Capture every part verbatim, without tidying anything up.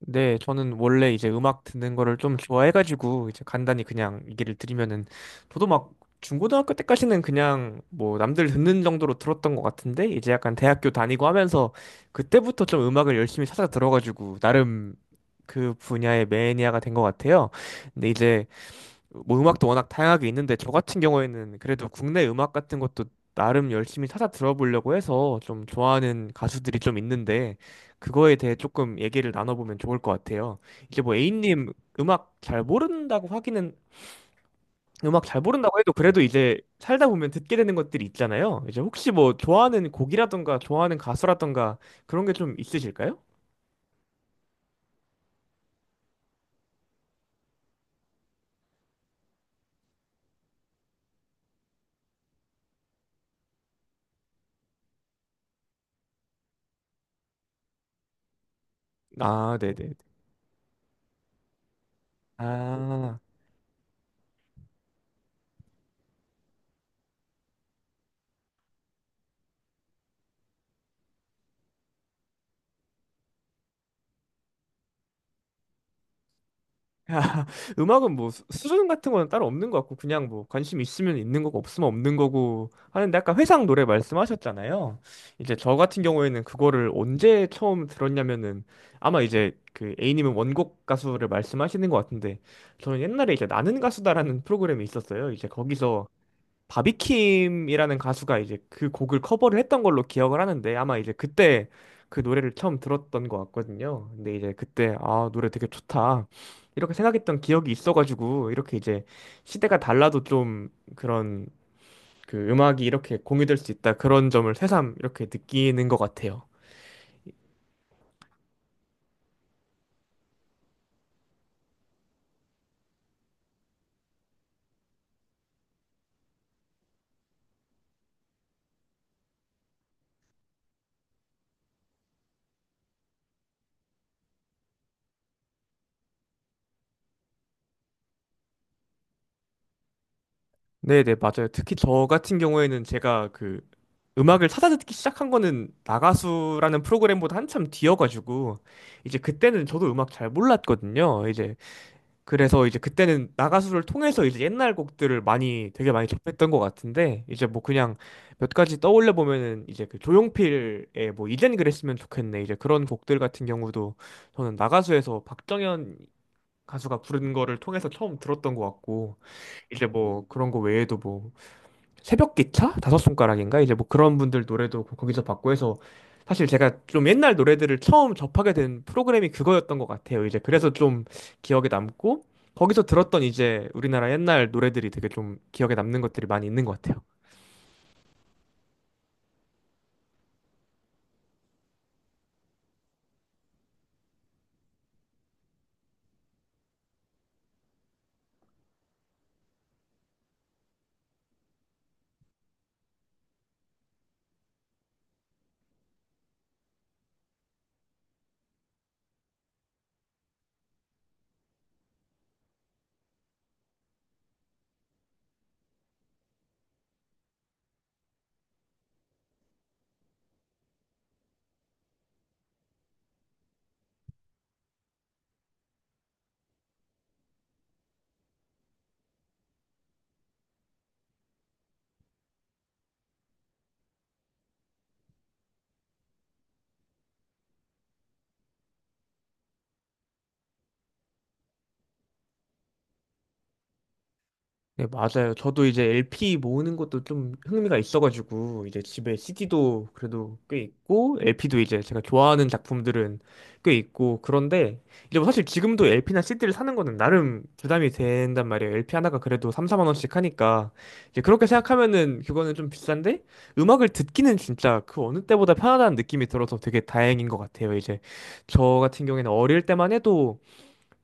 네, 저는 원래 이제 음악 듣는 거를 좀 좋아해가지고 이제 간단히 그냥 얘기를 드리면은 저도 막 중고등학교 때까지는 그냥 뭐 남들 듣는 정도로 들었던 것 같은데 이제 약간 대학교 다니고 하면서 그때부터 좀 음악을 열심히 찾아 들어가지고 나름 그 분야의 매니아가 된 것 같아요. 근데 이제 뭐 음악도 워낙 다양하게 있는데 저 같은 경우에는 그래도 국내 음악 같은 것도 나름 열심히 찾아 들어보려고 해서 좀 좋아하는 가수들이 좀 있는데 그거에 대해 조금 얘기를 나눠보면 좋을 것 같아요. 이제 뭐 A님 음악 잘 모른다고 하기는, 음악 잘 모른다고 해도 그래도 이제 살다 보면 듣게 되는 것들이 있잖아요. 이제 혹시 뭐 좋아하는 곡이라던가 좋아하는 가수라던가 그런 게 좀 있으실까요? 아, 네네. 아, 음악은 뭐 수- 수준 같은 건 따로 없는 것 같고 그냥 뭐 관심 있으면 있는 거고 없으면 없는 거고 하는데, 아까 회상 노래 말씀하셨잖아요. 이제 저 같은 경우에는 그거를 언제 처음 들었냐면은 아마 이제 그 A님은 원곡 가수를 말씀하시는 것 같은데, 저는 옛날에 이제 나는 가수다라는 프로그램이 있었어요. 이제 거기서 바비킴이라는 가수가 이제 그 곡을 커버를 했던 걸로 기억을 하는데, 아마 이제 그때 그 노래를 처음 들었던 것 같거든요. 근데 이제 그때 아, 노래 되게 좋다, 이렇게 생각했던 기억이 있어가지고 이렇게 이제 시대가 달라도 좀 그런 그 음악이 이렇게 공유될 수 있다, 그런 점을 새삼 이렇게 느끼는 것 같아요. 네네, 맞아요. 특히 저 같은 경우에는 제가 그 음악을 찾아 듣기 시작한 거는 나가수라는 프로그램보다 한참 뒤여가지고 이제 그때는 저도 음악 잘 몰랐거든요. 이제 그래서 이제 그때는 나가수를 통해서 이제 옛날 곡들을 많이 되게 많이 접했던 것 같은데, 이제 뭐 그냥 몇 가지 떠올려 보면은 이제 그 조용필의 뭐 이젠 그랬으면 좋겠네 이제 그런 곡들 같은 경우도 저는 나가수에서 박정현 가수가 부른 거를 통해서 처음 들었던 것 같고, 이제 뭐 그런 거 외에도 뭐 새벽 기차? 다섯 손가락인가? 이제 뭐 그런 분들 노래도 거기서 봤고 해서 사실 제가 좀 옛날 노래들을 처음 접하게 된 프로그램이 그거였던 것 같아요. 이제 그래서 좀 기억에 남고, 거기서 들었던 이제 우리나라 옛날 노래들이 되게 좀 기억에 남는 것들이 많이 있는 것 같아요. 네, 맞아요. 저도 이제 엘피 모으는 것도 좀 흥미가 있어가지고, 이제 집에 씨디도 그래도 꽤 있고, 엘피도 이제 제가 좋아하는 작품들은 꽤 있고, 그런데, 이제 뭐 사실 지금도 엘피나 씨디를 사는 거는 나름 부담이 된단 말이에요. 엘피 하나가 그래도 삼, 사만 원씩 하니까. 이제 그렇게 생각하면은 그거는 좀 비싼데, 음악을 듣기는 진짜 그 어느 때보다 편하다는 느낌이 들어서 되게 다행인 것 같아요. 이제 저 같은 경우에는 어릴 때만 해도,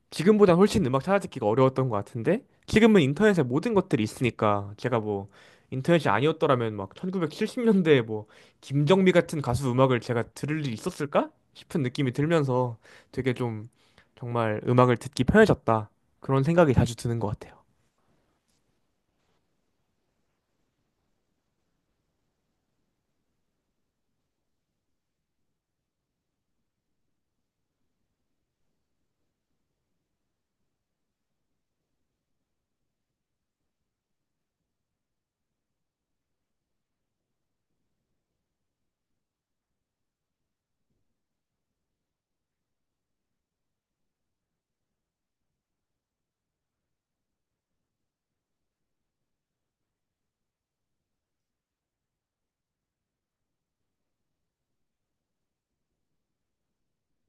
지금보다 훨씬 음악 찾아듣기가 어려웠던 것 같은데, 지금은 인터넷에 모든 것들이 있으니까 제가 뭐 인터넷이 아니었더라면 막 천구백칠십 년대에 뭐 김정미 같은 가수 음악을 제가 들을 일이 있었을까 싶은 느낌이 들면서 되게 좀 정말 음악을 듣기 편해졌다 그런 생각이 자주 드는 것 같아요.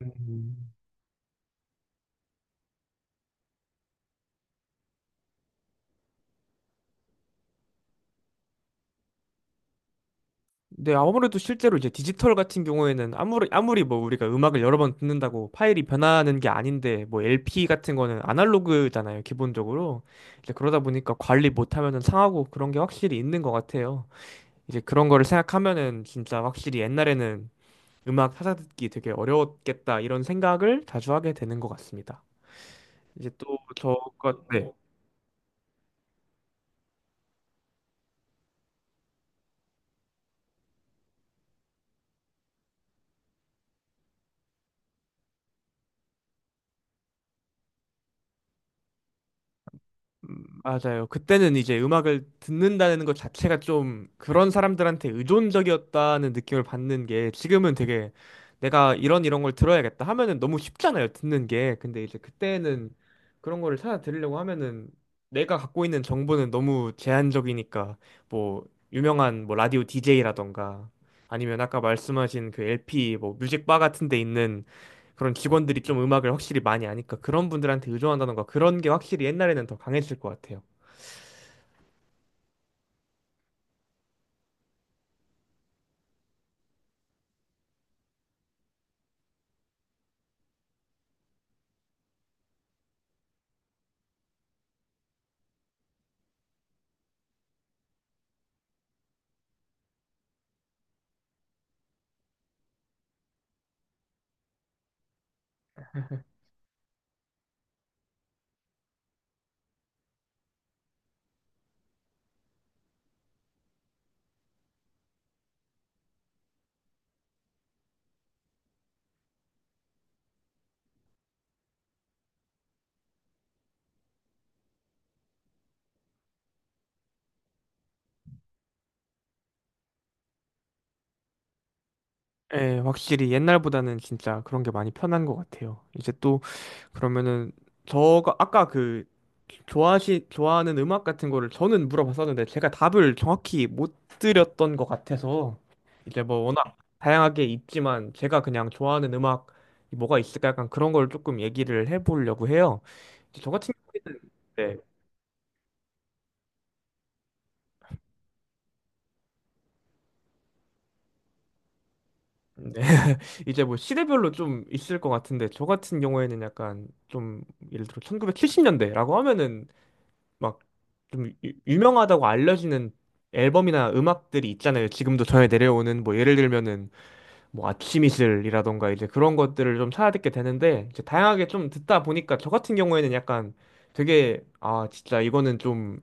음. 근데 아무래도 실제로 이제 디지털 같은 경우에는 아무리 아무리 뭐 우리가 음악을 여러 번 듣는다고 파일이 변하는 게 아닌데, 뭐 엘피 같은 거는 아날로그잖아요, 기본적으로. 이제 그러다 보니까 관리 못하면은 상하고 그런 게 확실히 있는 것 같아요. 이제 그런 거를 생각하면은 진짜 확실히 옛날에는 음악 찾아 듣기 되게 어려웠겠다 이런 생각을 자주 하게 되는 것 같습니다. 이제 또 저가 네. 음, 맞아요. 그때는 이제 음악을 듣는다는 것 자체가 좀 그런 사람들한테 의존적이었다는 느낌을 받는 게, 지금은 되게 내가 이런 이런 걸 들어야겠다 하면은 너무 쉽잖아요, 듣는 게. 근데 이제 그때는 그런 거를 찾아 들으려고 하면은 내가 갖고 있는 정보는 너무 제한적이니까 뭐 유명한 뭐 라디오 디제이라던가 아니면 아까 말씀하신 그 엘피 뭐 뮤직바 같은 데 있는 그런 직원들이 좀 음악을 확실히 많이 아니까 그런 분들한테 의존한다는 거, 그런 게 확실히 옛날에는 더 강했을 것 같아요. 예, 확실히 옛날보다는 진짜 그런 게 많이 편한 것 같아요. 이제 또 그러면은 저가 아까 그 좋아하시 좋아하는 음악 같은 거를 저는 물어봤었는데 제가 답을 정확히 못 드렸던 것 같아서 이제 뭐 워낙 다양하게 있지만 제가 그냥 좋아하는 음악 이 뭐가 있을까 약간 그런 걸 조금 얘기를 해보려고 해요. 이제 저 같은 경우에는 네. 네. 이제 뭐 시대별로 좀 있을 것 같은데 저 같은 경우에는 약간 좀 예를 들어 천구백칠십 년대라고 하면은 막 좀 유명하다고 알려지는 앨범이나 음악들이 있잖아요. 지금도 전해 내려오는 뭐 예를 들면은 뭐 아침이슬이라던가 이제 그런 것들을 좀 찾아 듣게 되는데, 이제 다양하게 좀 듣다 보니까 저 같은 경우에는 약간 되게, 아 진짜 이거는 좀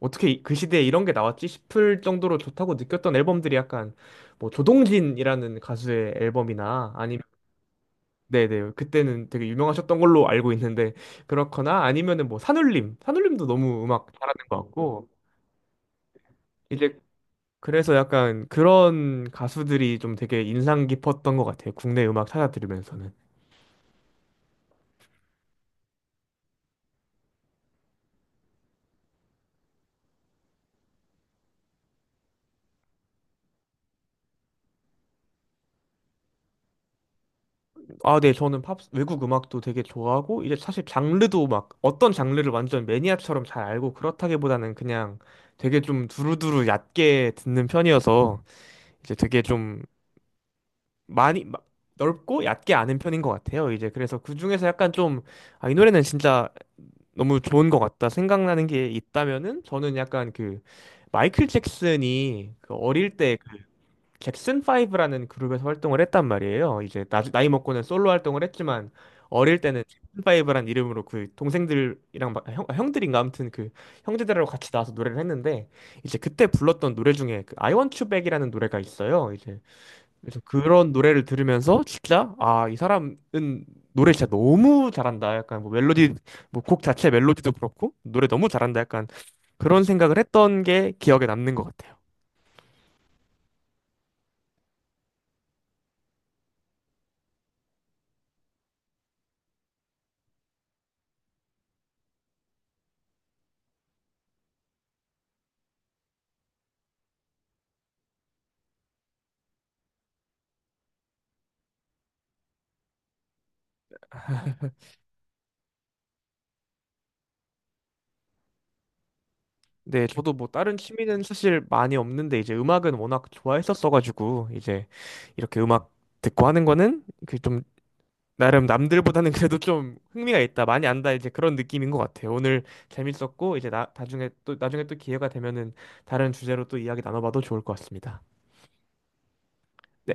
어떻게 이- 그 시대에 이런 게 나왔지 싶을 정도로 좋다고 느꼈던 앨범들이 약간 뭐 조동진이라는 가수의 앨범이나, 네네. 그때는 되게 유명하셨던 걸로 알고 있는데, 그렇거나 아니면은 뭐 산울림. 산울림도 너무 음악 잘하는 것 같고, 이제 그래서 약간 그런 가수들이 좀 되게 인상 깊었던 것 같아요, 국내 음악 찾아 들으면서는. 아, 네. 저는 팝, 외국 음악도 되게 좋아하고, 이제 사실 장르도 막 어떤 장르를 완전 매니아처럼 잘 알고 그렇다기보다는 그냥 되게 좀 두루두루 얕게 듣는 편이어서 이제 되게 좀 많이 마- 넓고 얕게 아는 편인 것 같아요. 이제 그래서 그 중에서 약간 좀, 아, 이 노래는 진짜 너무 좋은 것 같다 생각나는 게 있다면은, 저는 약간 그 마이클 잭슨이 그 어릴 때그 잭슨 파이브라는 그룹에서 활동을 했단 말이에요. 이제 나, 나이 먹고는 솔로 활동을 했지만, 어릴 때는 잭슨 파브라는 이름으로 그 동생들이랑 막- 형, 형들인가 아무튼 그 형제들하고 같이 나와서 노래를 했는데 이제 그때 불렀던 노래 중에 그 I Want You Back이라는 노래가 있어요. 이제 그래서 그런 노래를 들으면서 진짜, 아, 이 사람은 노래 진짜 너무 잘한다. 약간 뭐 멜로디, 뭐 곡 자체 멜로디도 그렇고 노래 너무 잘한다, 약간 그런 생각을 했던 게 기억에 남는 것 같아요. 네, 저도 뭐 다른 취미는 사실 많이 없는데 이제 음악은 워낙 좋아했었어가지고 이제 이렇게 음악 듣고 하는 거는 그 좀 나름 남들보다는 그래도 좀 흥미가 있다, 많이 안다 이제 그런 느낌인 것 같아요. 오늘 재밌었고 이제 나 나중에 또 나중에 또 기회가 되면은 다른 주제로 또 이야기 나눠봐도 좋을 것 같습니다. 네, 감사합니다.